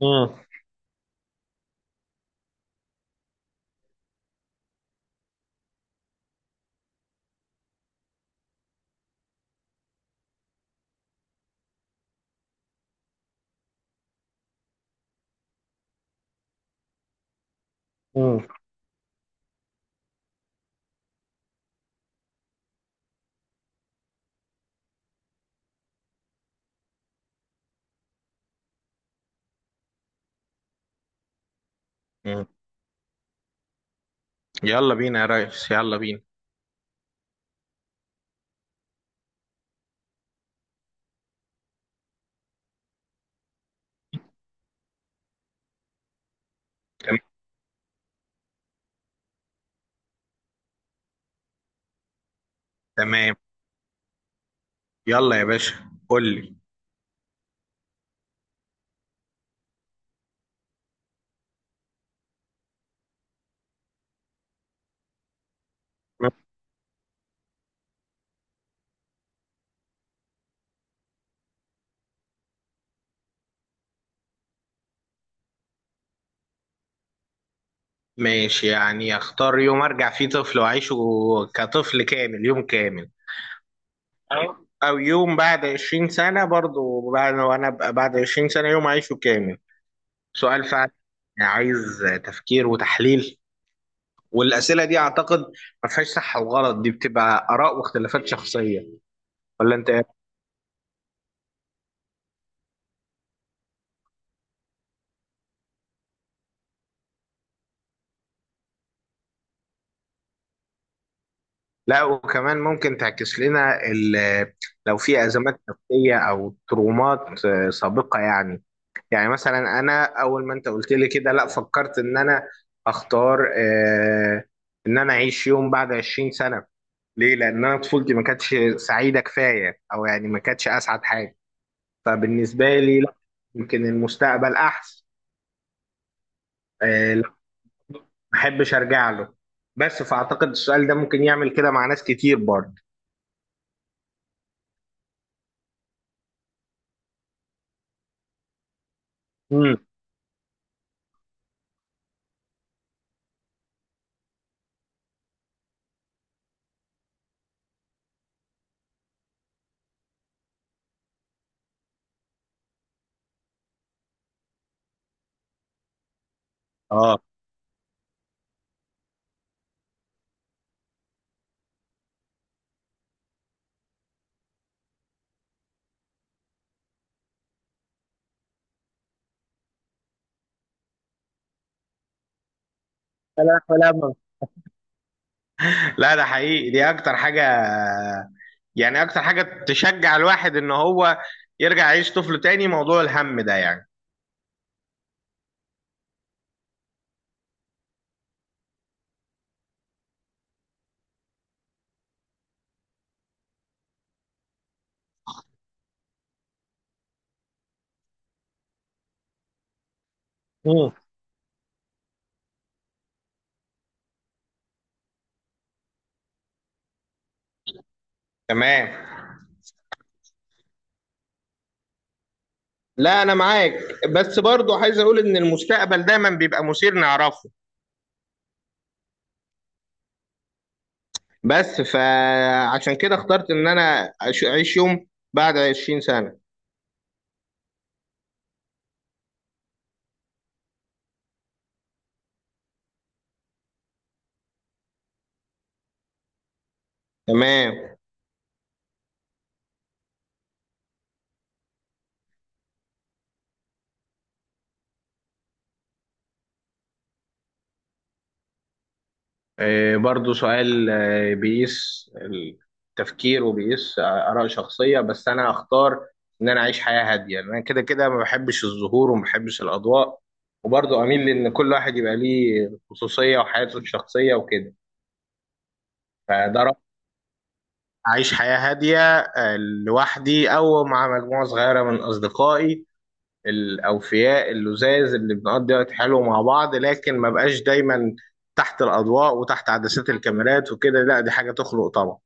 مم. مم. مم. يلا بينا يا ريس، يلا بينا. تم- تمام. يلا يا باشا، قول لي. مم. ماشي، يعني اختار يوم ارجع فيه طفل واعيشه كطفل كامل، يوم كامل، أو- او يوم بعد 20 سنة، برضو بعد وانا ابقى بعد 20 سنة يوم اعيشه كامل. سؤال فعلا، يعني عايز تفكير وتحليل. والاسئلة دي اعتقد ما فيهاش صح وغلط، دي بتبقى اراء واختلافات شخصية، ولا انت؟ لا، وكمان ممكن تعكس لنا لو في ازمات نفسيه او ترومات سابقه. يعني، يعني مثلا انا اول ما انت قلت لي كده، لا، فكرت ان انا اختار ان انا اعيش يوم بعد 20 سنه. ليه؟ لان انا طفولتي ما كانتش سعيده كفايه، او يعني ما كانتش اسعد حاجه، فبالنسبه لي لا. يمكن المستقبل احسن. لا، ما احبش ارجع له، بس فاعتقد السؤال ده ممكن يعمل كده مع ناس كتير برضه. امم. اه، لا ده حقيقي، دي اكتر حاجة، يعني اكتر حاجة تشجع الواحد ان هو يرجع يعيش طفل تاني موضوع الهم ده يعني. مم. تمام. لا انا معاك، بس برضو عايز اقول ان المستقبل دايما بيبقى مثير نعرفه، بس فعشان كده اخترت ان انا اعيش يوم بعد 20 سنة. تمام. برضو سؤال بيقيس التفكير وبيقيس آراء شخصية. بس أنا هختار إن أنا أعيش حياة هادية، لأن أنا كده كده ما بحبش الظهور وما بحبش الأضواء، وبرضو أميل لأن كل واحد يبقى ليه خصوصية وحياته الشخصية وكده. فده رأيي، أعيش حياة هادية لوحدي أو مع مجموعة صغيرة من أصدقائي الأوفياء اللذاذ اللي بنقضي وقت حلو مع بعض، لكن ما بقاش دايما تحت الأضواء وتحت عدسات الكاميرات وكده، لا، دي حاجة تخلق طبعا.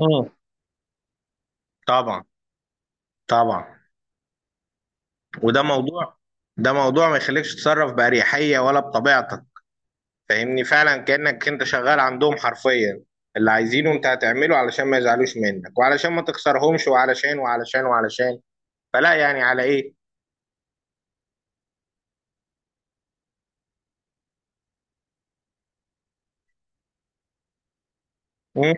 اه، طبعا، طبعا. وده موضوع، ده موضوع ما يخليكش تتصرف بأريحية ولا بطبيعتك. فاهمني؟ فعلا كأنك انت شغال عندهم حرفيا، اللي عايزينه انت هتعمله علشان ما يزعلوش منك، وعلشان ما تخسرهمش، وعلشان وعلشان وعلشان. فلا، يعني على ايه؟ مم؟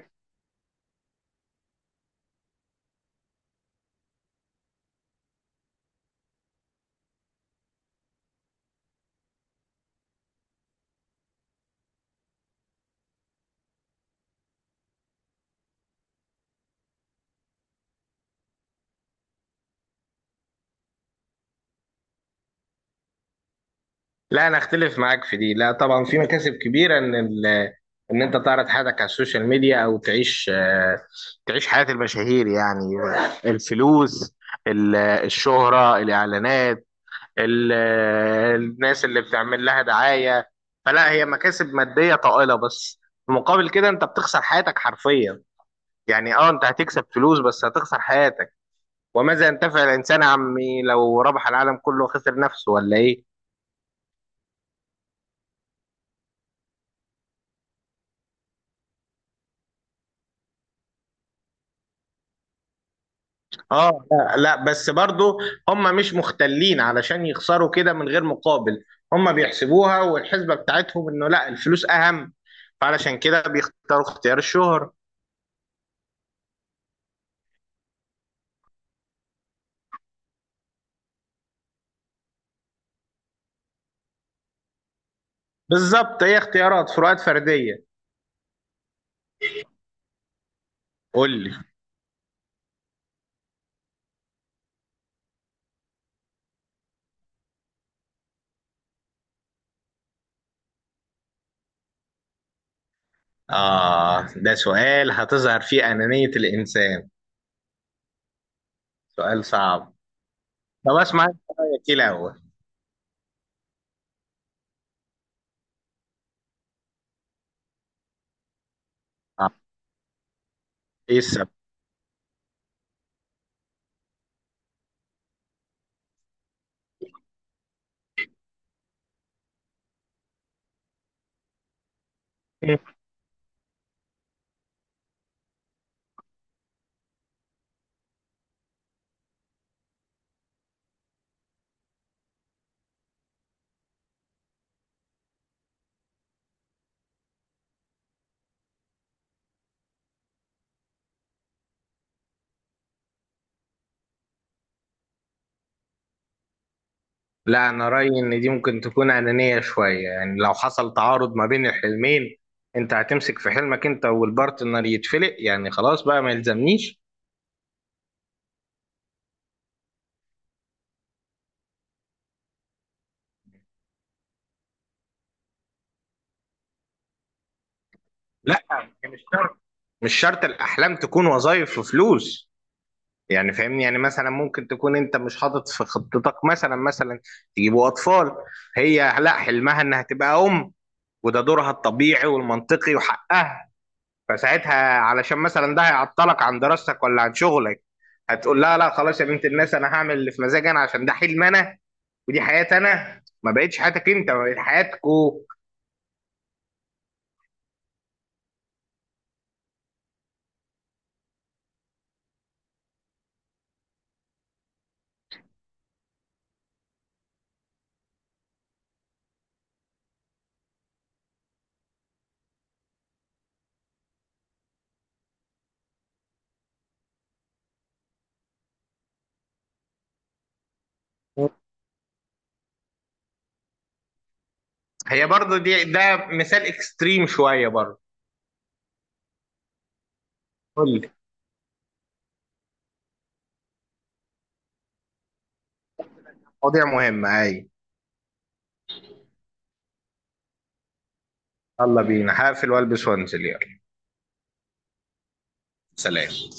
لا انا اختلف معاك في دي، لا طبعا في مكاسب كبيرة ان ان انت تعرض حياتك على السوشيال ميديا، او تعيش تعيش حياة المشاهير. يعني الفلوس، الشهرة، الاعلانات، الناس اللي بتعمل لها دعاية. فلا، هي مكاسب مادية طائلة، بس في مقابل كده انت بتخسر حياتك حرفيا. يعني اه، انت هتكسب فلوس بس هتخسر حياتك. وماذا ينتفع الانسان عمي لو ربح العالم كله وخسر نفسه؟ ولا ايه؟ اه، لا لا، بس برضو هم مش مختلين علشان يخسروا كده من غير مقابل. هم بيحسبوها، والحسبة بتاعتهم انه لا، الفلوس اهم، فعلشان كده بيختاروا اختيار الشهرة. بالظبط، هي اختيارات، فروقات فردية. قول لي. آه، ده سؤال هتظهر فيه أنانية الإنسان. سؤال صعب. طب اسمع أنت، رأيك إيه الأول؟ آه. إيه السبب؟ لا، أنا رأيي إن دي ممكن تكون أنانية شوية. يعني لو حصل تعارض ما بين الحلمين، أنت هتمسك في حلمك أنت والبارتنر يتفلق، يعني خلاص بقى ما يلزمنيش. لا، مش شرط. مش شرط الأحلام تكون وظائف وفلوس. يعني فاهمني، يعني مثلا ممكن تكون انت مش حاطط في خطتك مثلا، مثلا تجيبوا اطفال، هي لا، حلمها انها تبقى ام، وده دورها الطبيعي والمنطقي وحقها. فساعتها علشان مثلا ده هيعطلك عن دراستك ولا عن شغلك، هتقول لها لا خلاص يا بنت الناس، انا هعمل اللي في مزاجي انا، عشان ده حلم انا، ودي حياتي انا، ما بقتش حياتك انت، بقت حياتكو. هي برضو دي، ده مثال اكستريم شوية برضو. قول لي، مواضيع مهمة اي. يلا بينا، هقفل والبس وانزل، يلا. سلام.